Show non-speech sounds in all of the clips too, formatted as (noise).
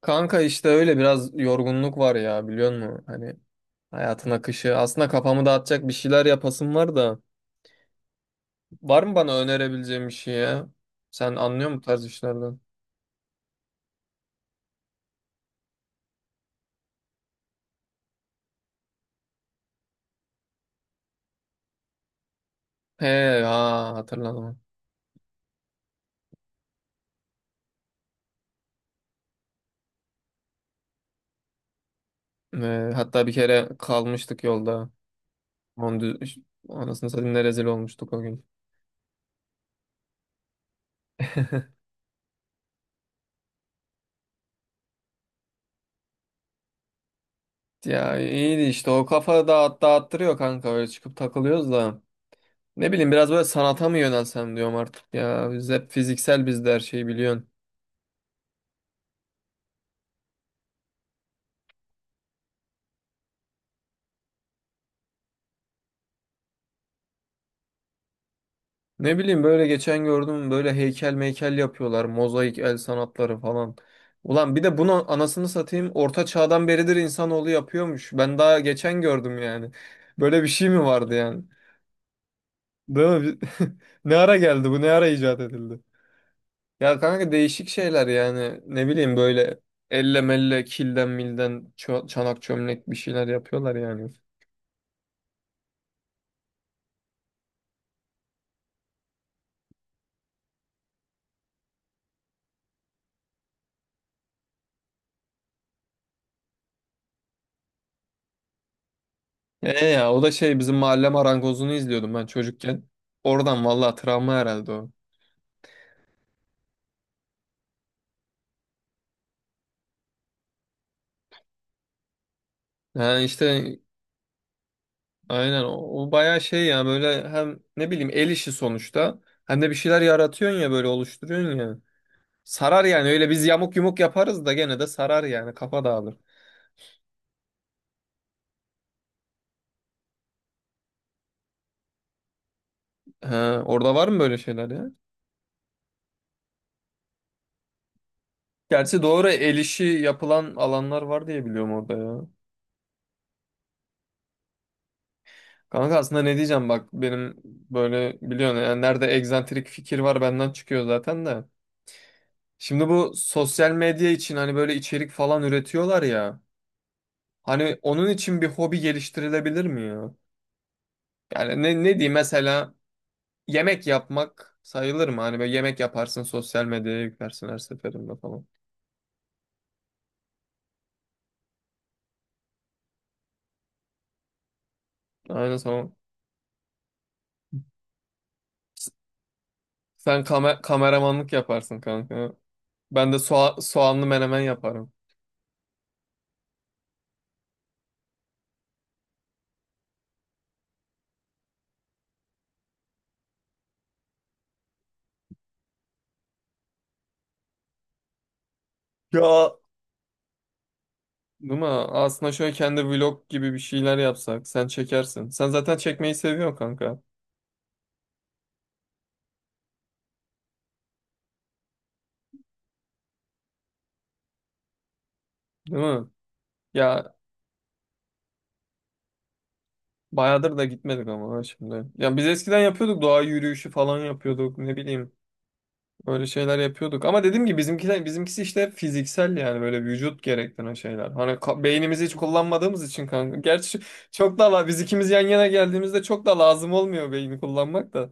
Kanka işte öyle biraz yorgunluk var ya, biliyor musun? Hani hayatın akışı. Aslında kafamı dağıtacak bir şeyler yapasım var da. Var mı bana önerebileceğim bir şey ya? Sen anlıyor musun bu tarz işlerden? He, ha, hatırladım. Hatta bir kere kalmıştık yolda. Onu dü- Anasını satayım, ne rezil olmuştuk o gün. (laughs) Ya iyiydi işte, o kafa dağıttırıyor kanka, öyle çıkıp takılıyoruz da. Ne bileyim, biraz böyle sanata mı yönelsem diyorum artık ya. Biz hep fiziksel, bizde her şeyi biliyorsun. Ne bileyim, böyle geçen gördüm, böyle heykel meykel yapıyorlar. Mozaik, el sanatları falan. Ulan bir de bunu, anasını satayım, orta çağdan beridir insanoğlu yapıyormuş. Ben daha geçen gördüm yani. Böyle bir şey mi vardı yani? Değil mi? (laughs) Ne ara geldi bu? Ne ara icat edildi? Ya kanka, değişik şeyler yani. Ne bileyim, böyle elle melle, kilden milden, çanak çömlek bir şeyler yapıyorlar yani. E ya, o da şey, bizim mahalle marangozunu izliyordum ben çocukken. Oradan vallahi, travma herhalde o. Yani işte aynen o, o bayağı şey ya, böyle hem ne bileyim, el işi sonuçta, hem de bir şeyler yaratıyorsun ya, böyle oluşturuyorsun ya. Sarar yani, öyle biz yamuk yumuk yaparız da gene de sarar yani, kafa dağılır. He, orada var mı böyle şeyler ya? Gerçi doğru, el işi yapılan alanlar var diye biliyorum orada ya. Kanka aslında ne diyeceğim, bak benim böyle, biliyorsun yani, nerede egzantrik fikir var benden çıkıyor zaten de. Şimdi bu sosyal medya için hani böyle içerik falan üretiyorlar ya. Hani onun için bir hobi geliştirilebilir mi ya? Yani ne diyeyim mesela, yemek yapmak sayılır mı? Hani böyle yemek yaparsın, sosyal medyaya yüklersin her seferinde falan. Aynen, tamam. Kameramanlık yaparsın kanka. Ben de soğanlı menemen yaparım. Ya değil mi? Aslında şöyle, kendi vlog gibi bir şeyler yapsak sen çekersin. Sen zaten çekmeyi seviyorsun kanka. Değil mi? Ya bayağıdır da gitmedik ama ha şimdi. Ya biz eskiden yapıyorduk, doğa yürüyüşü falan yapıyorduk, ne bileyim. Böyle şeyler yapıyorduk. Ama dediğim gibi bizimkiler, bizimkisi işte fiziksel, yani böyle vücut gerektiren şeyler. Hani beynimizi hiç kullanmadığımız için kanka. Gerçi çok da biz ikimiz yan yana geldiğimizde çok da lazım olmuyor beyni kullanmak da.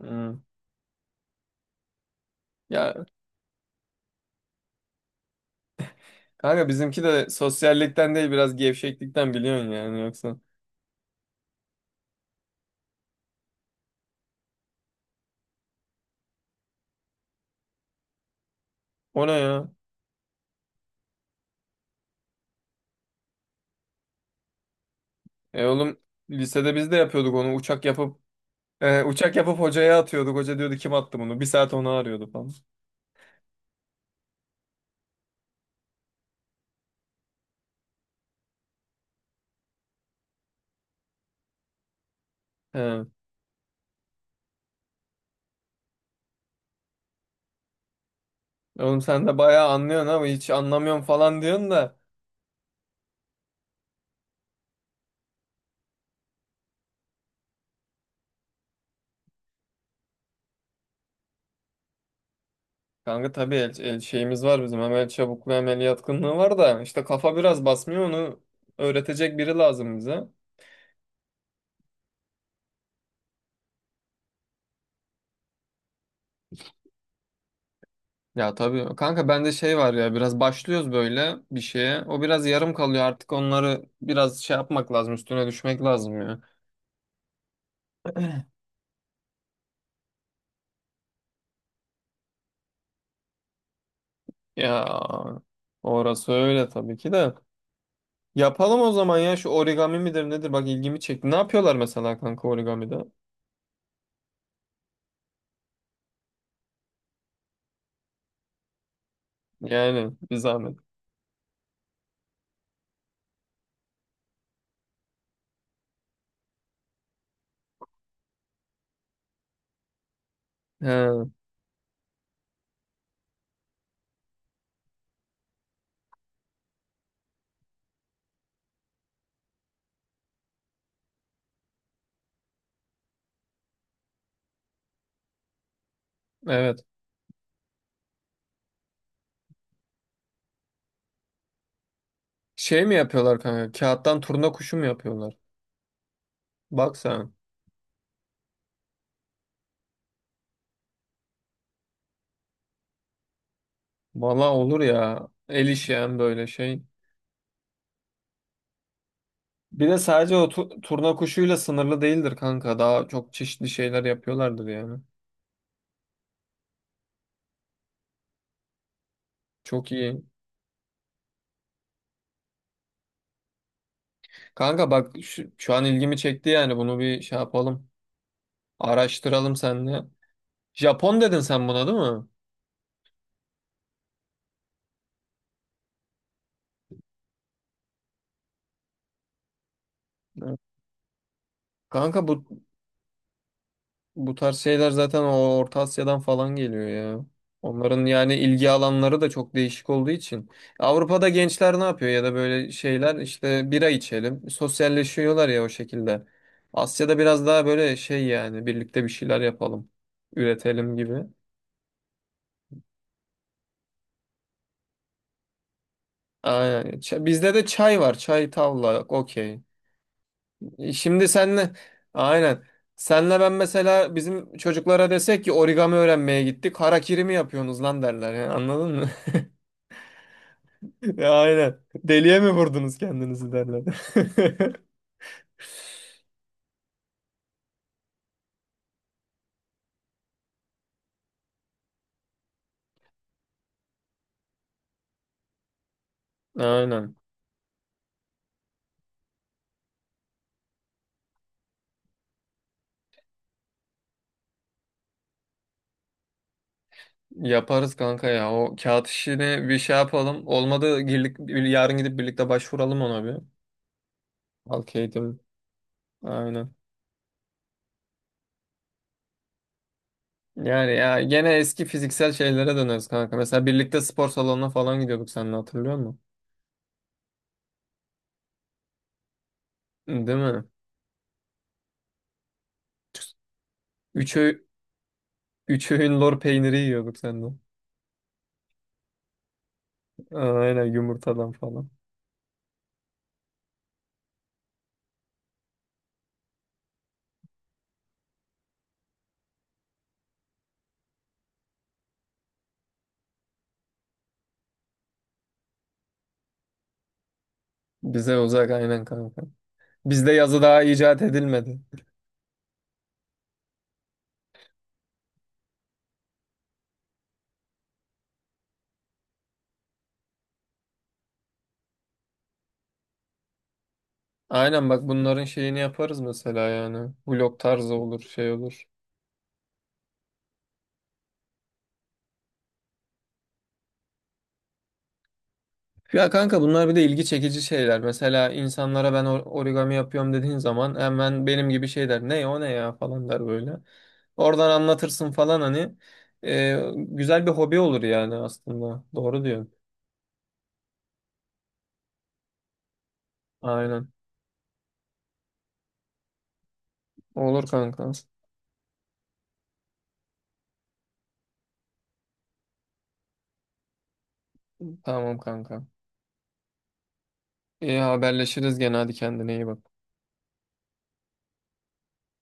Hmm. Ya kanka, bizimki de sosyallikten değil, biraz gevşeklikten, biliyorsun yani, yoksa. O ne ya? E oğlum, lisede biz de yapıyorduk onu, uçak yapıp uçak yapıp hocaya atıyorduk. Hoca diyordu kim attı bunu? Bir saat onu arıyordu falan. He. Oğlum sen de bayağı anlıyorsun ama hiç anlamıyorum falan diyorsun da. Kanka tabii, el şeyimiz var bizim, hem el çabukluğu hem el yatkınlığı var da, işte kafa biraz basmıyor, onu öğretecek biri lazım bize. Ya tabii kanka, bende şey var ya, biraz başlıyoruz böyle bir şeye, o biraz yarım kalıyor, artık onları biraz şey yapmak lazım, üstüne düşmek lazım ya. (clears throat) Ya orası öyle tabii ki de, yapalım o zaman ya, şu origami midir nedir, bak ilgimi çekti, ne yapıyorlar mesela kanka origamide, yani bir zahmet. He, evet, şey mi yapıyorlar kanka, kağıttan turna kuşu mu yapıyorlar? Bak sen. Valla olur ya. El işi, hem böyle şey. Bir de sadece o turna kuşuyla sınırlı değildir kanka. Daha çok çeşitli şeyler yapıyorlardır yani. Çok iyi. Kanka bak şu an ilgimi çekti yani. Bunu bir şey yapalım. Araştıralım seninle. Japon dedin sen buna, değil mi? Evet. Kanka bu, bu tarz şeyler zaten o Orta Asya'dan falan geliyor ya. Onların yani ilgi alanları da çok değişik olduğu için. Avrupa'da gençler ne yapıyor ya da, böyle şeyler işte, bira içelim. Sosyalleşiyorlar ya o şekilde. Asya'da biraz daha böyle şey yani, birlikte bir şeyler yapalım. Üretelim gibi. Aynen. Bizde de çay var. Çay, tavla, okey. Şimdi senle aynen. Senle ben mesela bizim çocuklara desek ki origami öğrenmeye gittik, harakiri mi yapıyorsunuz lan derler. Yani anladın mı? Ya aynen. Deliye mi vurdunuz kendinizi derler. (laughs) Aynen. Yaparız kanka ya. O kağıt işini bir şey yapalım. Olmadı girlik, yarın gidip birlikte başvuralım ona bir. Halk eğitim. Aynen. Yani ya, gene eski fiziksel şeylere döneriz kanka. Mesela birlikte spor salonuna falan gidiyorduk seninle, hatırlıyor musun? Değil mi? Üç, öğ- Üç öğün lor peyniri yiyorduk seninle. Aynen, yumurtadan falan. Bize uzak, aynen kanka. Bizde yazı daha icat edilmedi. Aynen, bak bunların şeyini yaparız mesela yani. Vlog tarzı olur, şey olur. Ya kanka, bunlar bir de ilgi çekici şeyler. Mesela insanlara ben origami yapıyorum dediğin zaman, hemen benim gibi şey der, ne o ne ya falan der böyle. Oradan anlatırsın falan hani. Güzel bir hobi olur yani aslında. Doğru diyorsun. Aynen. Olur kanka. Tamam kanka. İyi haberleşiriz gene, hadi kendine iyi bak.